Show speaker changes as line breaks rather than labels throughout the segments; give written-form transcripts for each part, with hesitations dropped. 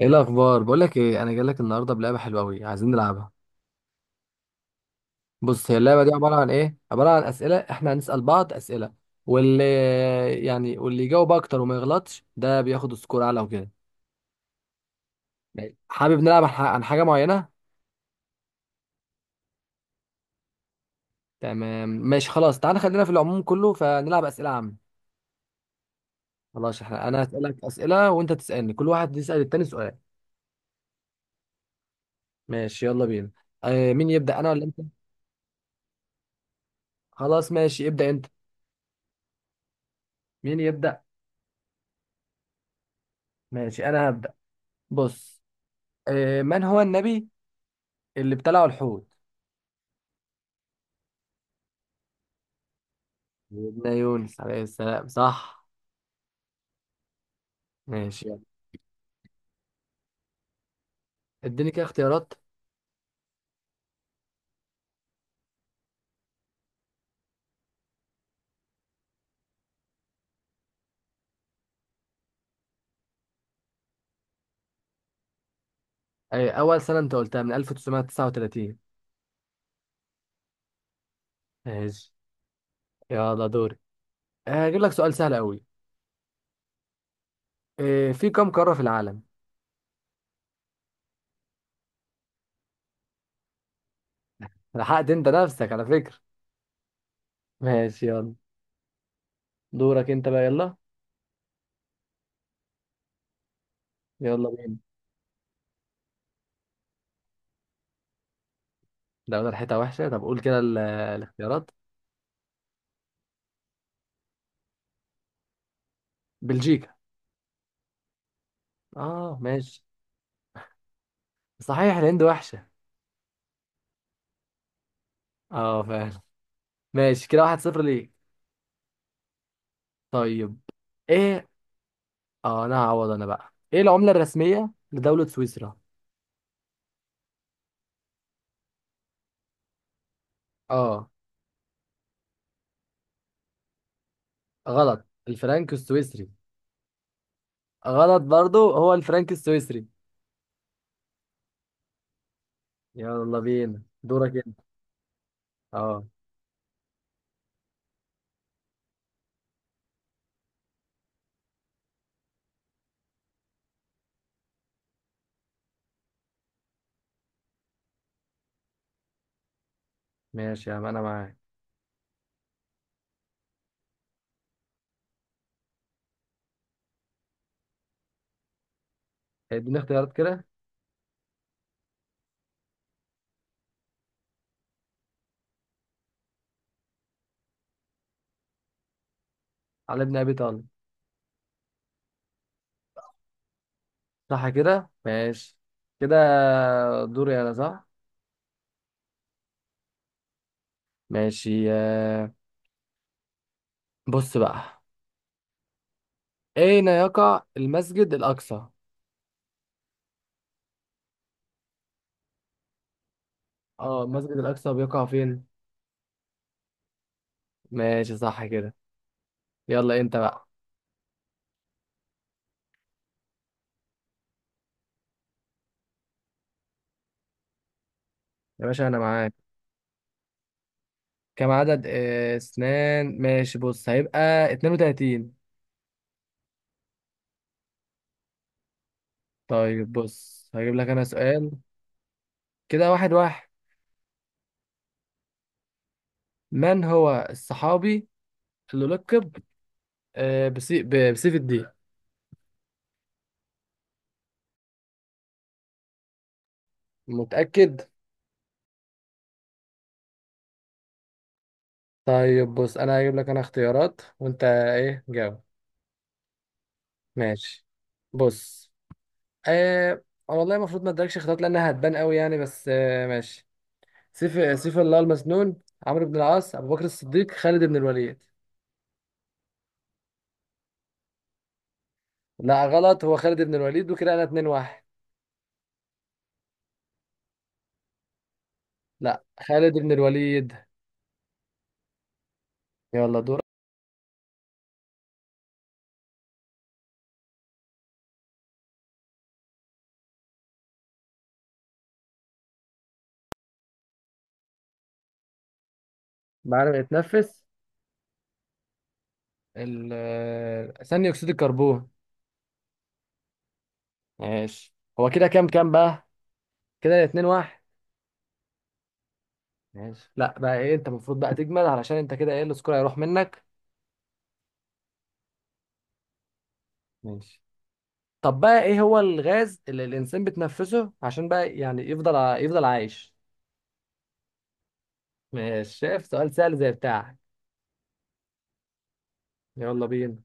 ايه الاخبار؟ بقول لك ايه، انا جاي لك النهارده بلعبه حلوه قوي، عايزين نلعبها. بص، هي اللعبه دي عباره عن ايه؟ عباره عن اسئله، احنا هنسال بعض اسئله. واللي واللي يجاوب اكتر وما يغلطش ده بياخد سكور اعلى وكده. ماشي. حابب نلعب عن حاجه معينه؟ تمام ماشي خلاص، تعال خلينا في العموم كله فنلعب اسئله عامه. خلاص، انا هسالك اسئله وانت تسالني، كل واحد يسال التاني سؤال. ماشي يلا بينا. مين يبدا، انا ولا انت؟ خلاص ماشي، ابدا انت. مين يبدا؟ ماشي انا هبدا. بص. من هو النبي اللي ابتلعوا الحوت؟ سيدنا يونس عليه السلام، صح. ماشي يلا. اديني كده اختيارات. اول سنة انت قلتها، من 1939. ماشي يلا دوري. هجيب لك سؤال سهل قوي. في كم قارة في العالم؟ لحقت انت نفسك على فكرة. ماشي يلا. دورك انت بقى، يلا. يلا بينا. ده ريحتها وحشة، طب قول كده الاختيارات. بلجيكا. اه ماشي. صحيح الهند وحشة. اه فعلا. ماشي كده، واحد صفر ليك. طيب. ايه؟ اه انا هعوض، انا بقى ايه العملة الرسمية لدولة سويسرا؟ اه. غلط، الفرنك السويسري. غلط برضو، هو الفرنك السويسري. يلا بينا، دورك انت. اه ماشي يا عم، انا معاك. طيب اديني اختيارات كده. على ابن ابي طالب. صح كده، ماشي كده. دوري انا، صح. ماشي. بص بقى. اين يقع المسجد الاقصى؟ اه، المسجد الاقصى بيقع فين؟ ماشي صح كده. يلا انت بقى. يا باشا انا معاك. كم عدد اسنان، ماشي بص، هيبقى 32. طيب بص هجيب لك انا سؤال. كده واحد واحد. من هو الصحابي اللي لقب بسيف الدين؟ متأكد؟ طيب بص، انا هجيب لك انا اختيارات وانت ايه جاوب. ماشي. بص. آه والله المفروض ما ادركش اختيارات لانها هتبان قوي يعني، بس ماشي. سيف الله المسنون: عمرو بن العاص، ابو بكر الصديق، خالد بن الوليد. لا غلط، هو خالد بن الوليد، وكده انا 2 1. لا، خالد بن الوليد. يلا دور. بعد ما يتنفس. ثاني اكسيد الكربون. ماشي. هو كده كام بقى؟ كده اتنين واحد. ماشي. لا بقى، ايه انت المفروض بقى تجمل، علشان انت كده، ايه، السكور هيروح منك. ماشي. طب بقى، ايه هو الغاز اللي الانسان بتنفسه عشان بقى يعني يفضل عايش؟ ماشي، شايف سؤال سهل زي بتاعك. يلا بينا.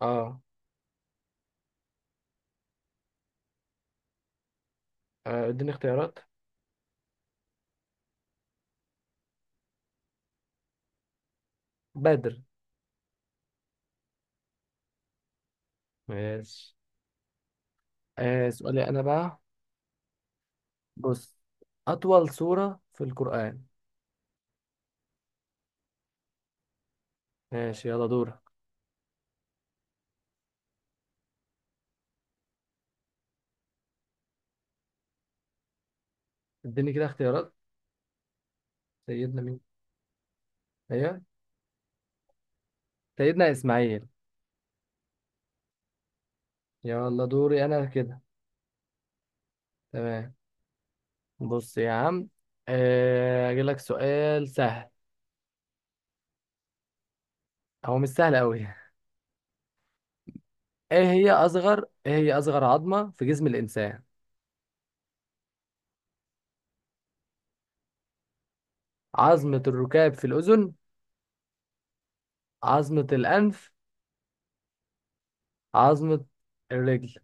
اه. اديني اختيارات. بدر. ماشي. سؤالي انا بقى. بص. أطول سورة في القرآن. ماشي يلا دورك. اديني كده اختيارات. سيدنا مين؟ أيوه. سيدنا إسماعيل. يلا دوري أنا كده. تمام. بص يا عم. أجيب لك سؤال سهل. هو مش سهل أوي. إيه هي أصغر عظمة في جسم الإنسان؟ عظمة الركاب في الأذن، عظمة الأنف، عظمة الرجل.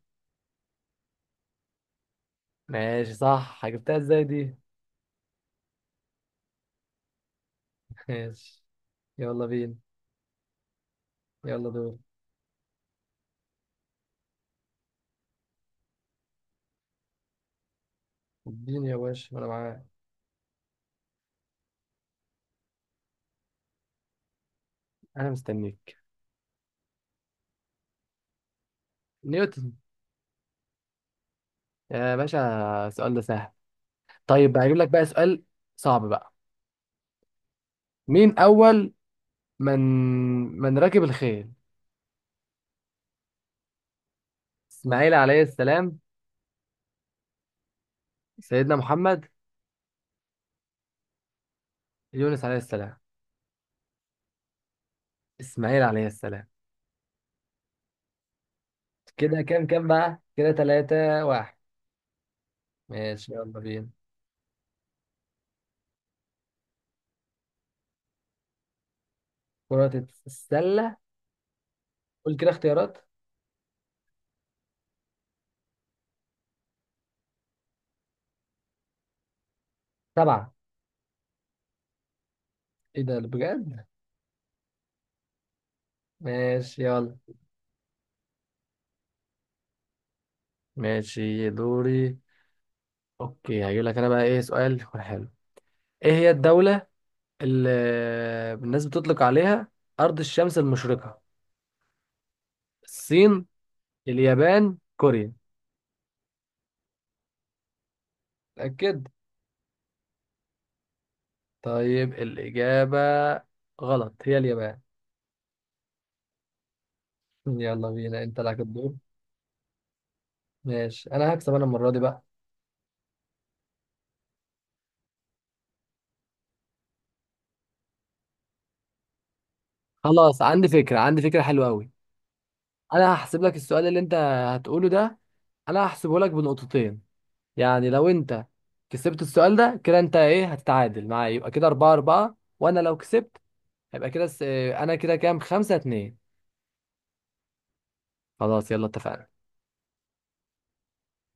ماشي صح. جبتها إزاي دي؟ ماشي يلا بينا. يلا دور. اديني يا باشا، أنا معاك. انا مستنيك. نيوتن. يا باشا، السؤال ده سهل. طيب هجيب لك بقى سؤال صعب بقى. مين اول من من ركب الخيل؟ اسماعيل عليه السلام، سيدنا محمد، يونس عليه السلام. اسماعيل عليه السلام. كده كام بقى؟ كده ثلاثة واحد. ماشي يلا بينا. كرة السلة. قول كده اختيارات. سبعة. ايه ده بجد؟ ماشي يلا. ماشي دوري. اوكي، هجيب لك انا بقى ايه سؤال يكون حلو. ايه هي الدولة اللي الناس بتطلق عليها أرض الشمس المشرقة؟ الصين، اليابان، كوريا. أكيد. طيب الإجابة غلط، هي اليابان. يلا بينا، أنت لك الدور. ماشي، أنا هكسب أنا المرة دي بقى. خلاص، عندي فكرة حلوة أوي. أنا هحسب لك السؤال اللي أنت هتقوله ده، أنا هحسبه لك بنقطتين. يعني لو أنت كسبت السؤال ده، كده أنت إيه، هتتعادل معايا، يبقى كده أربعة أربعة، وأنا لو كسبت هيبقى كده أنا كده كام، خمسة اتنين. خلاص يلا اتفقنا.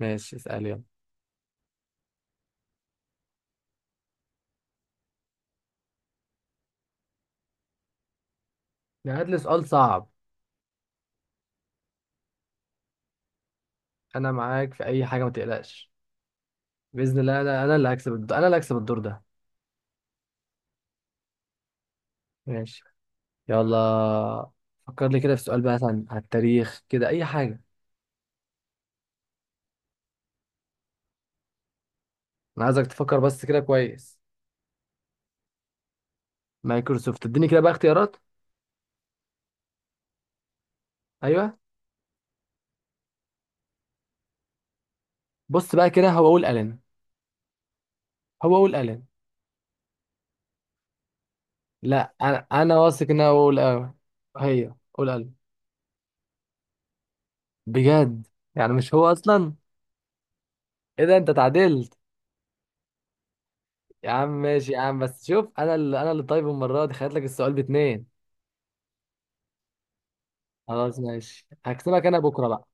ماشي اسأل يلا. هات لي سؤال صعب. انا معاك في اي حاجه، ما تقلقش. باذن الله، انا اللي هكسب الدور ده. ماشي يلا. فكر لي كده في سؤال بقى، مثلا على التاريخ كده، اي حاجه. انا عايزك تفكر بس كده كويس. مايكروسوفت، اديني كده بقى اختيارات. ايوه. بص بقى، كده هو اقول الين. لا، انا واثق ان هو اقول. هي قول الين؟ بجد؟ يعني مش هو اصلا؟ ايه ده، انت تعادلت. يا عم ماشي يا عم، بس شوف انا اللي طيب، المره دي خليت لك السؤال باتنين. خلاص ماشي، هكسبك انا بكره بقى.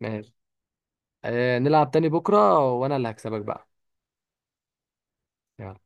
ماشي. نلعب تاني بكره وانا اللي هكسبك بقى. يلا.